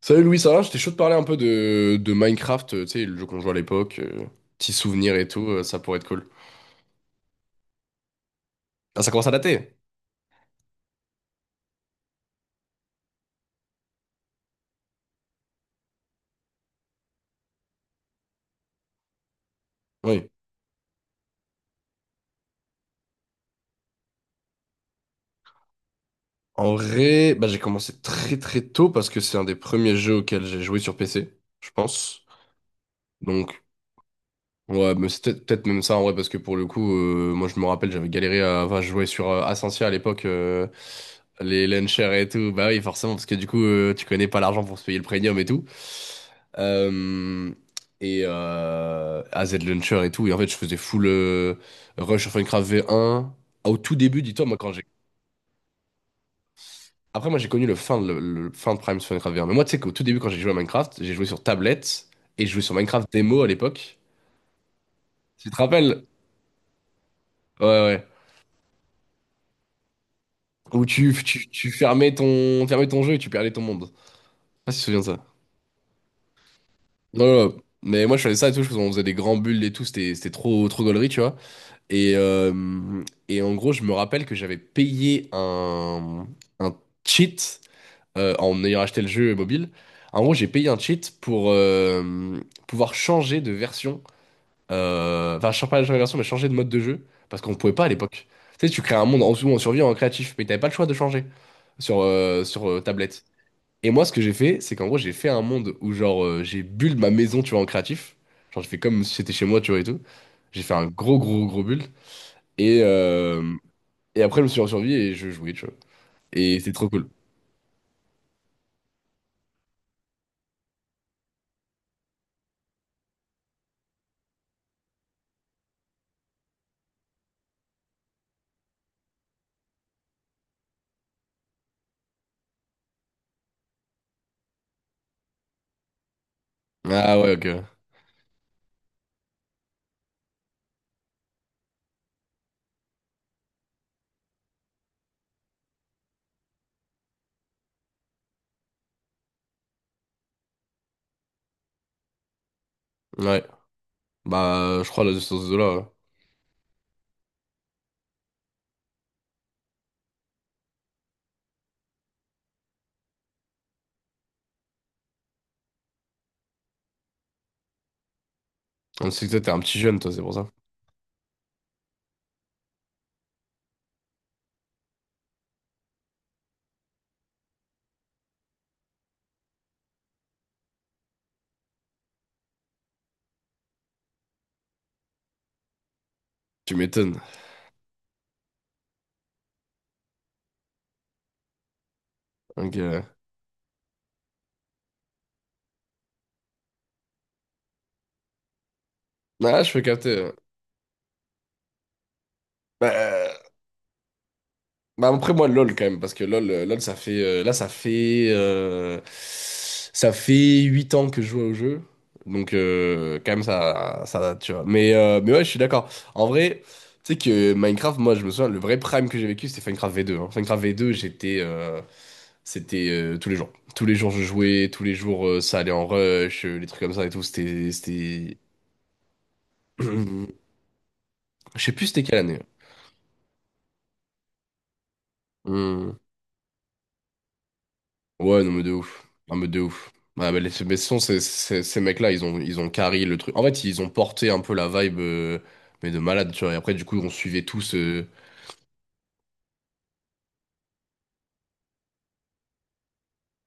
Salut Louis, ça va? J'étais chaud de parler un peu de Minecraft, tu sais, le jeu qu'on jouait à l'époque, petits souvenirs et tout, ça pourrait être cool. Ah, ça commence à dater? Oui. En vrai, bah, j'ai commencé très très tôt parce que c'est un des premiers jeux auxquels j'ai joué sur PC, je pense. Donc ouais, mais c'est peut-être même ça en vrai, parce que pour le coup, moi je me rappelle, j'avais galéré à. Enfin, je jouais sur Ascensia à l'époque, les launchers et tout. Bah oui, forcément, parce que du coup, tu connais pas l'argent pour se payer le premium et tout. Euh, et AZ Launcher et tout. Et en fait, je faisais full Rush of Minecraft V1. Ah, au tout début, dis-toi, moi quand j'ai. Après, moi j'ai connu le fin, le fin de Prime sur Minecraft V1. Mais moi, tu sais qu'au tout début, quand j'ai joué à Minecraft, j'ai joué sur tablette et je jouais sur Minecraft démo à l'époque. Tu te rappelles? Ouais, ouais. Où tu fermais fermais ton jeu et tu perdais ton monde. Ah sais pas si tu te souviens de ça. Non, non, non. Mais moi, je faisais ça et tout. On faisait des grands bulles et tout. C'était trop gaulerie, tu vois. Et en gros, je me rappelle que j'avais payé un cheat en ayant acheté le jeu mobile. En gros, j'ai payé un cheat pour pouvoir changer de version. Enfin, je ne pas changer de version, mais changer de mode de jeu. Parce qu'on ne pouvait pas à l'époque. Tu sais, tu crées un monde en survie, en créatif, mais tu n'avais pas le choix de changer sur tablette. Et moi, ce que j'ai fait, c'est qu'en gros, j'ai fait un monde où, genre, j'ai build ma maison, tu vois, en créatif. Genre, j'ai fait comme si c'était chez moi, tu vois, et tout. J'ai fait un gros build. Et, euh, et après, je me suis ressurvi et je jouais, tu vois. Et c'était trop cool. Ah ouais, ok. Ouais. Bah, je crois, là, de ce là ouais. On sait que toi, t'es un petit jeune, toi, c'est pour ça. Tu m'étonnes. Donc, ah, je peux capter. Ouais. Bah, bah après moi LOL quand même parce que LOL LOL ça fait là ça fait 8 ans que je joue au jeu donc quand même ça tu vois mais ouais je suis d'accord en vrai tu sais que Minecraft moi je me souviens le vrai prime que j'ai vécu c'était Minecraft V2 hein. Minecraft V2 j'étais c'était tous les jours je jouais tous les jours ça allait en rush les trucs comme ça et tout c'était je sais plus c'était quelle année. Hmm. Ouais, non, mais de ouf. Non, mais de ouf. Ouais, mais les, mais ce sont ces mecs-là, ils ont carry le truc. En fait, ils ont porté un peu la vibe, mais de malade, tu vois. Et après, du coup, on suivait tous. Euh,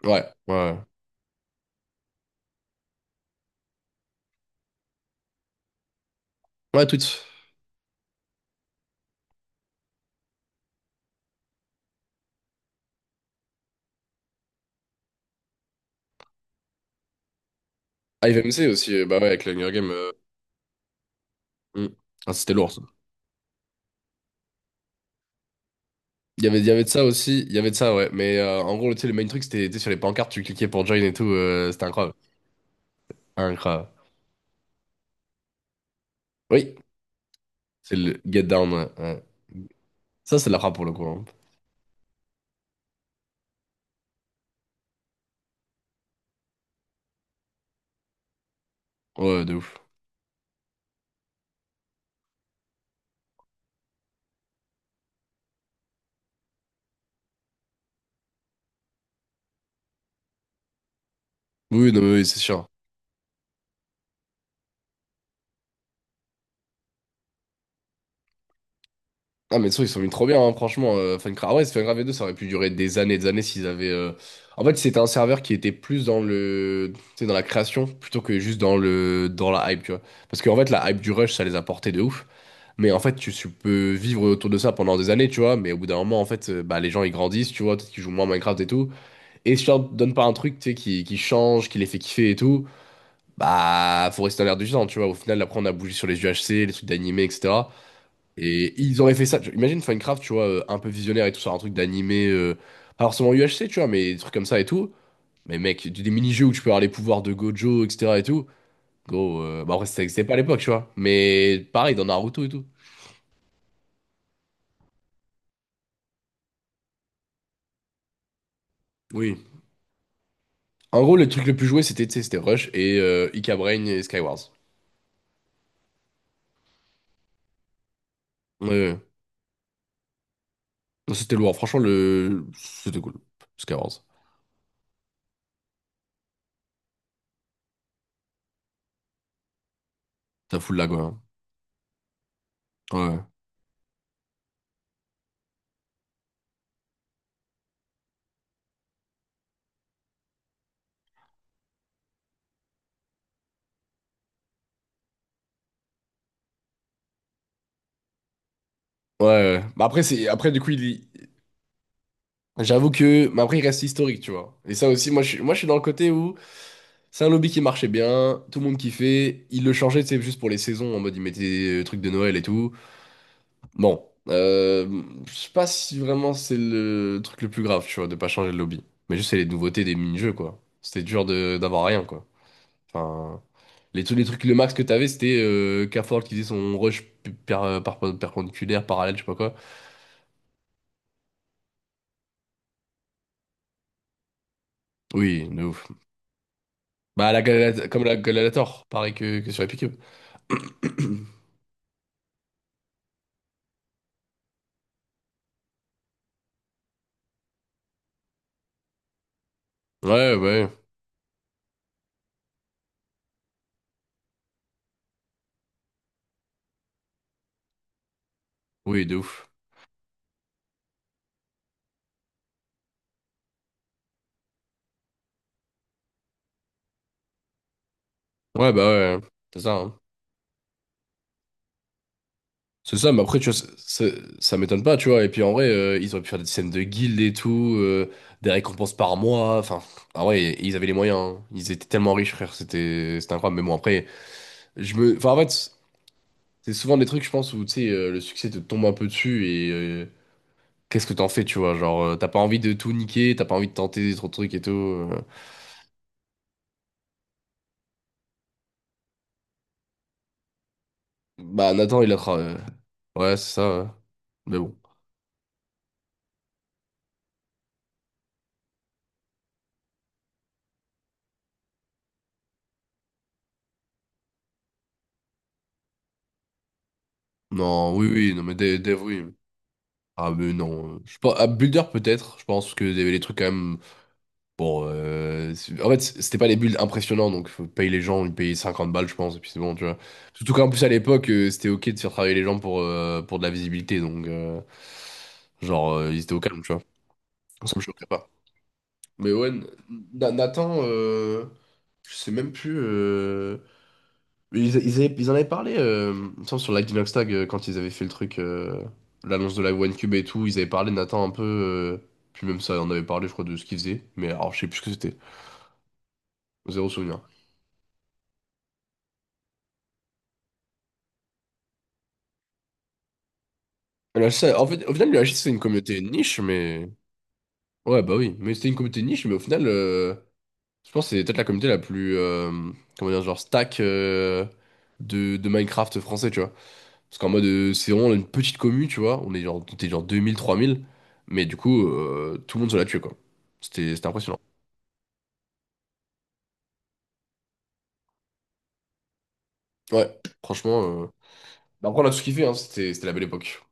ouais, ouais. Ouais, toutes. IVMC aussi, bah ouais, avec l'Hunger Game. Euh, hmm. Ah, c'était lourd, ça. Il y avait de ça aussi, il y avait de ça, ouais. Mais en gros, tu sais, le main truc, c'était tu sais, sur les pancartes, tu cliquais pour join et tout. Euh, c'était incroyable. Incroyable. Oui, c'est le get down, ouais. Ouais. Ça, c'est de la frappe pour le coup, hein. Ouais, de ouf. Oui, non, mais oui, c'est sûr. Ah, mais de toute façon, ils sont mis trop bien, hein, franchement. Funcra- ah ouais, Funcra V2, ça aurait pu durer des années et des années s'ils avaient. Euh, en fait, c'était un serveur qui était plus dans le, tu sais, dans la création plutôt que juste dans la hype, tu vois. Parce qu'en fait, la hype du rush, ça les a portés de ouf. Mais en fait, tu peux vivre autour de ça pendant des années, tu vois. Mais au bout d'un moment, en fait, bah, les gens, ils grandissent, tu vois. Peut-être qu'ils jouent moins à Minecraft et tout. Et si tu leur donnes pas un truc, tu sais, qui change, qui les fait kiffer et tout, bah, faut rester dans l'air du temps, tu vois. Au final, après, on a bougé sur les UHC, les trucs d'animé, etc. Et ils auraient fait ça. Imagine Minecraft, tu vois, un peu visionnaire et tout, sur un truc d'animé, pas forcément UHC, tu vois, mais des trucs comme ça et tout. Mais mec, des mini-jeux où tu peux avoir les pouvoirs de Gojo, etc. et tout. Gros, bah après, ça existait pas à l'époque, tu vois. Mais pareil, dans Naruto et tout. Oui. En gros, le truc le plus joué, c'était tu sais, c'était Rush et Ika Brain et Skywars. Ouais, ouais. Non, c'était lourd. Franchement, le c'était cool. Skywars. Ça fout de la quoi. Ouais. Ouais, ouais. Ouais. Bah après, c'est après, du coup, il j'avoue que mais après, il reste historique, tu vois. Et ça aussi, moi, je suis dans le côté où c'est un lobby qui marchait bien, tout le monde kiffait. Il le changeait, tu sais, juste pour les saisons, en mode il mettait des trucs de Noël et tout. Bon, je sais pas si vraiment c'est le truc le plus grave, tu vois, de pas changer le lobby. Mais juste, c'est les nouveautés des mini-jeux, quoi. C'était dur de d'avoir rien, quoi. Enfin, les, tous les trucs, le max que t'avais, c'était Caford qui faisait son rush p- per- par, perpendiculaire, parallèle, je sais pas quoi. Oui, de ouf. Bah, comme la Galatator, pareil que sur Epic. Cube. Ouais, ouais, oui, de ouf. Ouais, bah ouais, c'est ça, hein. C'est ça, mais après, tu vois, ça m'étonne pas, tu vois. Et puis en vrai, ils auraient pu faire des scènes de guilde et tout, des récompenses par mois. Enfin, ah ouais, ils avaient les moyens, hein. Ils étaient tellement riches, frère, c'était incroyable. Mais bon, après, je me. Enfin, en fait, c'est souvent des trucs, je pense, où tu sais, le succès te tombe un peu dessus et qu'est-ce que t'en fais, tu vois. Genre, t'as pas envie de tout niquer, t'as pas envie de tenter trop de trucs et tout. Euh, bah, Nathan, il a. Ouais, c'est ça, ouais. Mais bon. Non, oui, oui, non, mais Dev, Dev, oui. Ah mais non, je pense à Builder peut-être, je pense que y avait les trucs quand même bon en fait c'était pas les builds impressionnants donc faut payer les gens, ils payaient 50 balles je pense et puis c'est bon tu vois. Surtout qu'en plus à l'époque c'était OK de faire travailler les gens pour de la visibilité donc genre ils étaient au calme tu vois. Ça me choquerait pas. Mais ouais, Nathan je sais même plus ils en avaient parlé, il me semble, sur l'Aquinox Tag, quand ils avaient fait le truc, l'annonce de la OneCube et tout, ils avaient parlé de Nathan un peu, puis même ça, on avait parlé, je crois, de ce qu'ils faisaient, mais alors je sais plus ce que c'était, zéro souvenir. Alors, ça, en fait, au final, le HC, c'est une communauté niche, mais Ouais, bah oui, mais c'était une communauté niche, mais au final, je pense que c'est peut-être la communauté la plus, comment dire, genre stack de Minecraft français, tu vois. Parce qu'en mode, c'est vraiment une petite commune, tu vois. On est genre, t'es genre 2000, 3000. Mais du coup, tout le monde se l'a tué, quoi. C'était impressionnant. Ouais, franchement. Euh, bah après, on a tout kiffé, hein. C'était la belle époque.